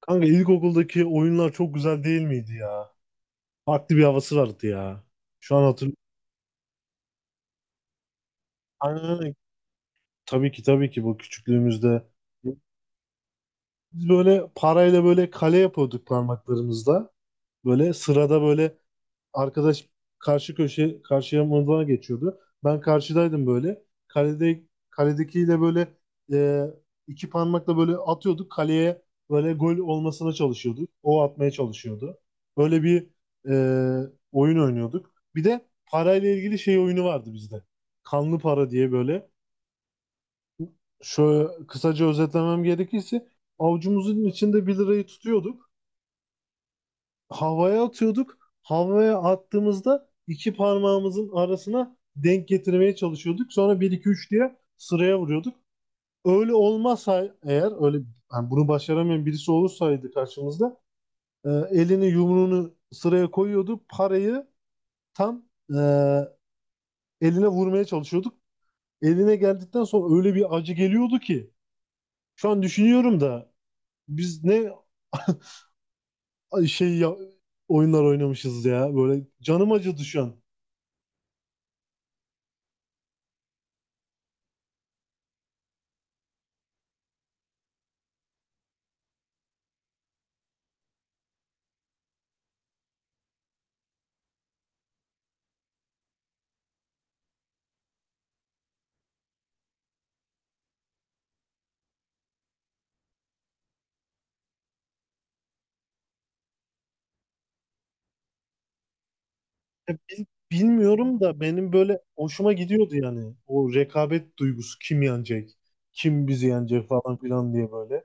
Kanka ilkokuldaki oyunlar çok güzel değil miydi ya? Farklı bir havası vardı ya. Şu an hatırlıyorum. Aynen. Tabii ki tabii ki, bu küçüklüğümüzde. Biz böyle parayla böyle kale yapıyorduk parmaklarımızla. Böyle sırada böyle arkadaş karşı köşe karşıya mırıldan geçiyordu. Ben karşıdaydım böyle. Kalede kaledekiyle böyle e, iki parmakla böyle atıyorduk. Kaleye böyle gol olmasına çalışıyorduk. O atmaya çalışıyordu. Böyle bir oyun oynuyorduk. Bir de parayla ilgili şey oyunu vardı bizde. Kanlı para diye böyle. Şöyle kısaca özetlemem gerekirse avucumuzun içinde 1 lirayı tutuyorduk. Havaya atıyorduk. Havaya attığımızda iki parmağımızın arasına denk getirmeye çalışıyorduk. Sonra bir 2 3 diye sıraya vuruyorduk. Öyle olmazsa, eğer öyle, yani bunu başaramayan birisi olursaydı karşımızda, elini yumruğunu sıraya koyuyordu. Parayı tam e, eline vurmaya çalışıyorduk. Eline geldikten sonra öyle bir acı geliyordu ki, şu an düşünüyorum da biz ne ay şey ya, oyunlar oynamışız ya. Böyle canım acıdı şu an. Ya bilmiyorum da benim böyle hoşuma gidiyordu yani. O rekabet duygusu, kim yenecek? Kim bizi yenecek falan filan diye böyle.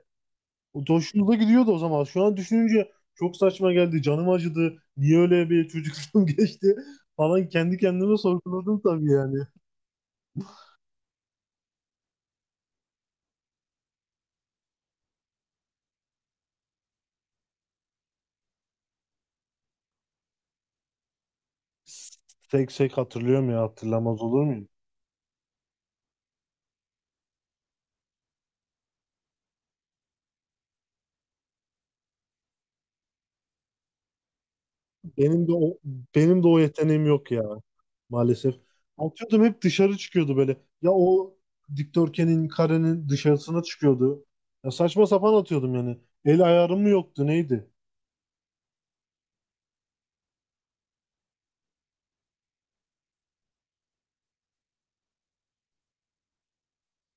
O da hoşumuza gidiyordu o zaman. Şu an düşününce çok saçma geldi. Canım acıdı. Niye öyle bir çocukluğum geçti falan, kendi kendime sorguladım tabii yani. Tek tek hatırlıyorum ya, hatırlamaz olur muyum? Benim de o benim de o yeteneğim yok ya maalesef. Atıyordum, hep dışarı çıkıyordu böyle. Ya o dikdörtgenin, karenin dışarısına çıkıyordu. Ya saçma sapan atıyordum yani. El ayarım mı yoktu, neydi?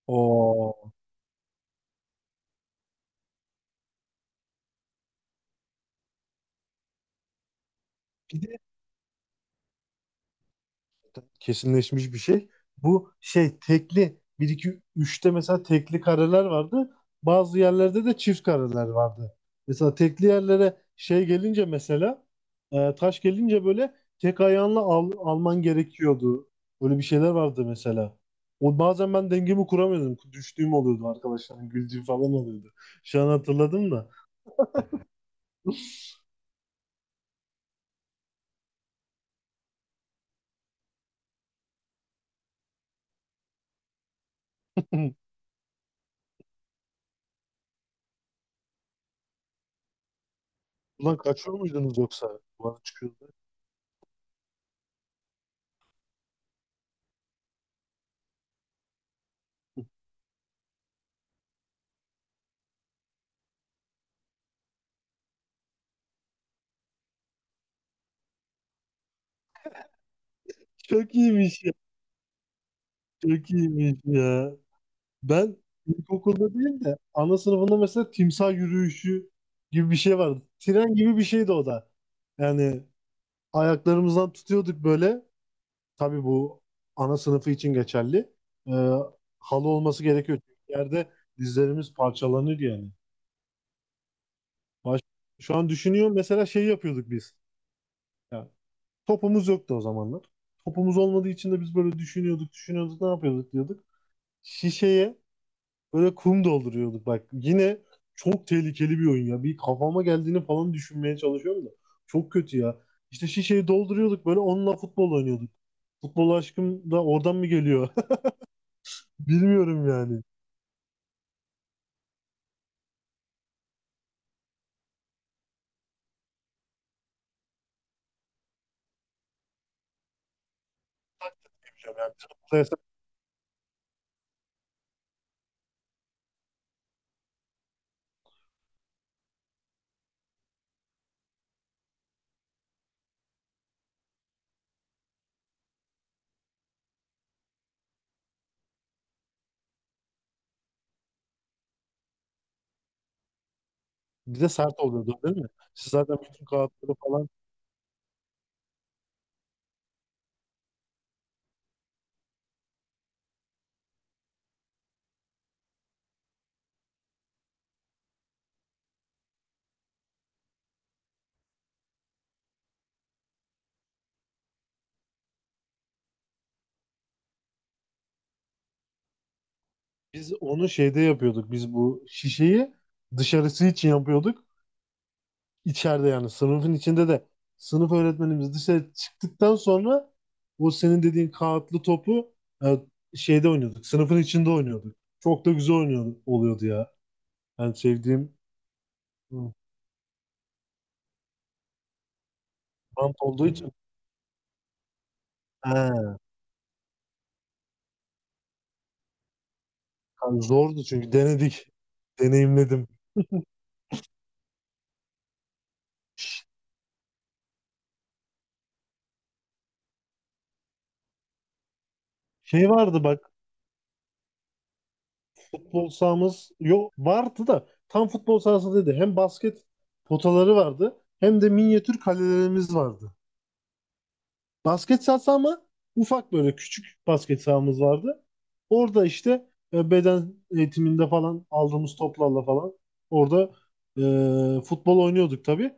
O kesinleşmiş bir şey. Bu şey tekli, bir 2 üçte mesela tekli kareler vardı. Bazı yerlerde de çift kareler vardı. Mesela tekli yerlere şey gelince, mesela taş gelince, böyle tek ayağınla alman gerekiyordu. Böyle bir şeyler vardı mesela. O bazen ben dengemi kuramıyordum. Düştüğüm oluyordu, arkadaşlarım güldüğüm falan oluyordu. Şu an hatırladım da. Ulan kaçıyor muydunuz yoksa? Ulan çıkıyordu. Çok iyiymiş ya. Çok iyiymiş ya. Ben ilkokulda değil de ana sınıfında mesela timsah yürüyüşü gibi bir şey vardı. Tren gibi bir şeydi o da. Yani ayaklarımızdan tutuyorduk böyle. Tabii bu ana sınıfı için geçerli. Ee, Halı olması gerekiyor. Çünkü yerde dizlerimiz parçalanır yani. Baş... Şu an düşünüyorum, mesela şey yapıyorduk biz. Yani topumuz yoktu o zamanlar. Topumuz olmadığı için de biz böyle düşünüyorduk, düşünüyorduk ne yapıyorduk diyorduk. Şişeye böyle kum dolduruyorduk bak. Yine çok tehlikeli bir oyun ya. Bir kafama geldiğini falan düşünmeye çalışıyorum da. Çok kötü ya. İşte şişeyi dolduruyorduk, böyle onunla futbol oynuyorduk. Futbol aşkım da oradan mı geliyor? Bilmiyorum yani. Bilmiyorum yani. Biz futbol yasak- Bir de sert oluyordu değil mi? Siz zaten bütün kağıtları falan. Biz onu şeyde yapıyorduk. Biz bu şişeyi dışarısı için yapıyorduk. İçeride yani sınıfın içinde de sınıf öğretmenimiz dışarı çıktıktan sonra o senin dediğin kağıtlı topu e, şeyde oynuyorduk. Sınıfın içinde oynuyorduk. Çok da güzel oynuyordu, oluyordu ya. Ben sevdiğim hı, bant olduğu için. He, kanka zordu, çünkü denedik. Deneyimledim. Şey vardı bak, futbol sahamız yok, vardı da tam futbol sahası değildi. Hem basket potaları vardı, hem de minyatür kalelerimiz vardı. Basket sahası ama ufak, böyle küçük basket sahamız vardı. Orada işte beden eğitiminde falan aldığımız toplarla falan orada futbol oynuyorduk tabii.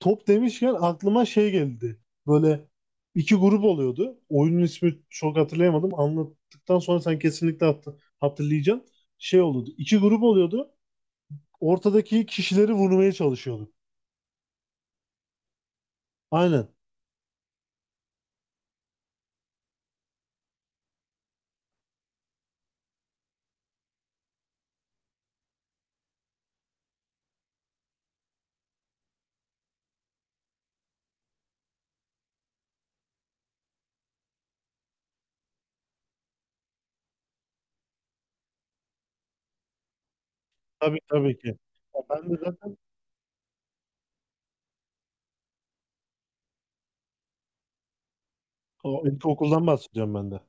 Top demişken aklıma şey geldi. Böyle iki grup oluyordu. Oyunun ismi çok hatırlayamadım. Anlattıktan sonra sen kesinlikle hatırlayacaksın. Şey oluyordu. İki grup oluyordu. Ortadaki kişileri vurmaya çalışıyorduk. Aynen. Tabii, tabii ki. Ben de zaten o, ilkokuldan bahsediyorum ben de.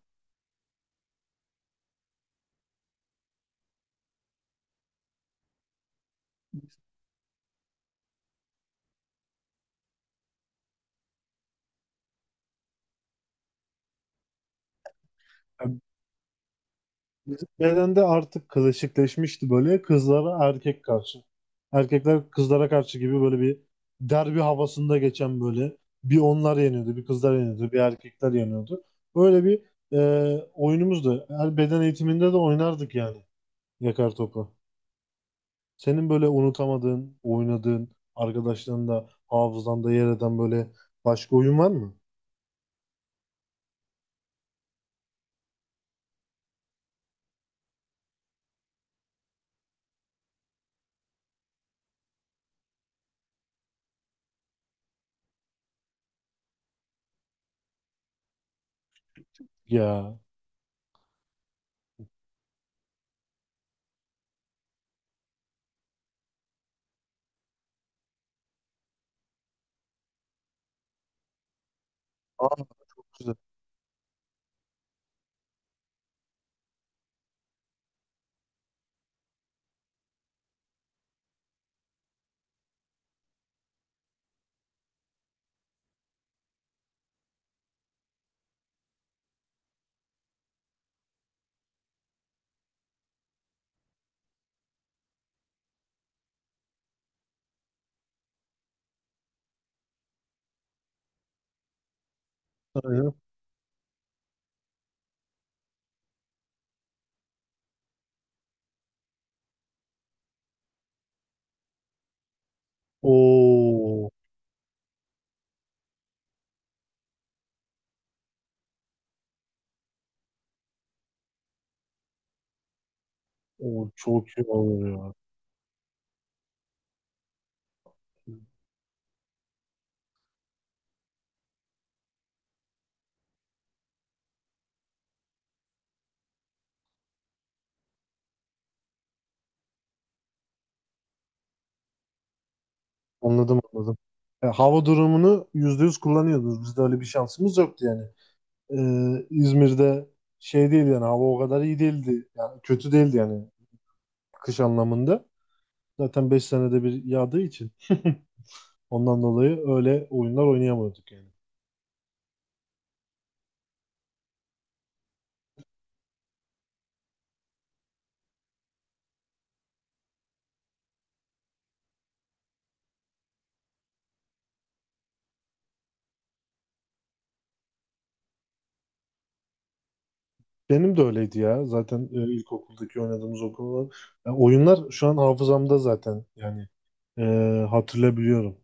Bizim bedende artık klasikleşmişti, böyle kızlara erkek karşı. Erkekler kızlara karşı gibi, böyle bir derbi havasında geçen, böyle bir onlar yeniyordu, bir kızlar yeniyordu, bir erkekler yeniyordu. Böyle bir oyunumuzdu. Her beden eğitiminde de oynardık yani yakar topu. Senin böyle unutamadığın, oynadığın, arkadaşlarında, hafızanda yer eden böyle başka oyun var mı? Ya. Aa, çok güzel. Aynen. Oo, o çok iyi oluyor ya. Anladım, anladım. Hava durumunu %100 kullanıyordunuz. Bizde öyle bir şansımız yoktu yani. İzmir'de şey değil yani, hava o kadar iyi değildi. Yani kötü değildi yani, kış anlamında. Zaten 5 senede bir yağdığı için, ondan dolayı öyle oyunlar oynayamıyorduk yani. Benim de öyleydi ya. Zaten ilkokuldaki oynadığımız okullar. Oyunlar şu an hafızamda zaten, yani e, hatırlayabiliyorum.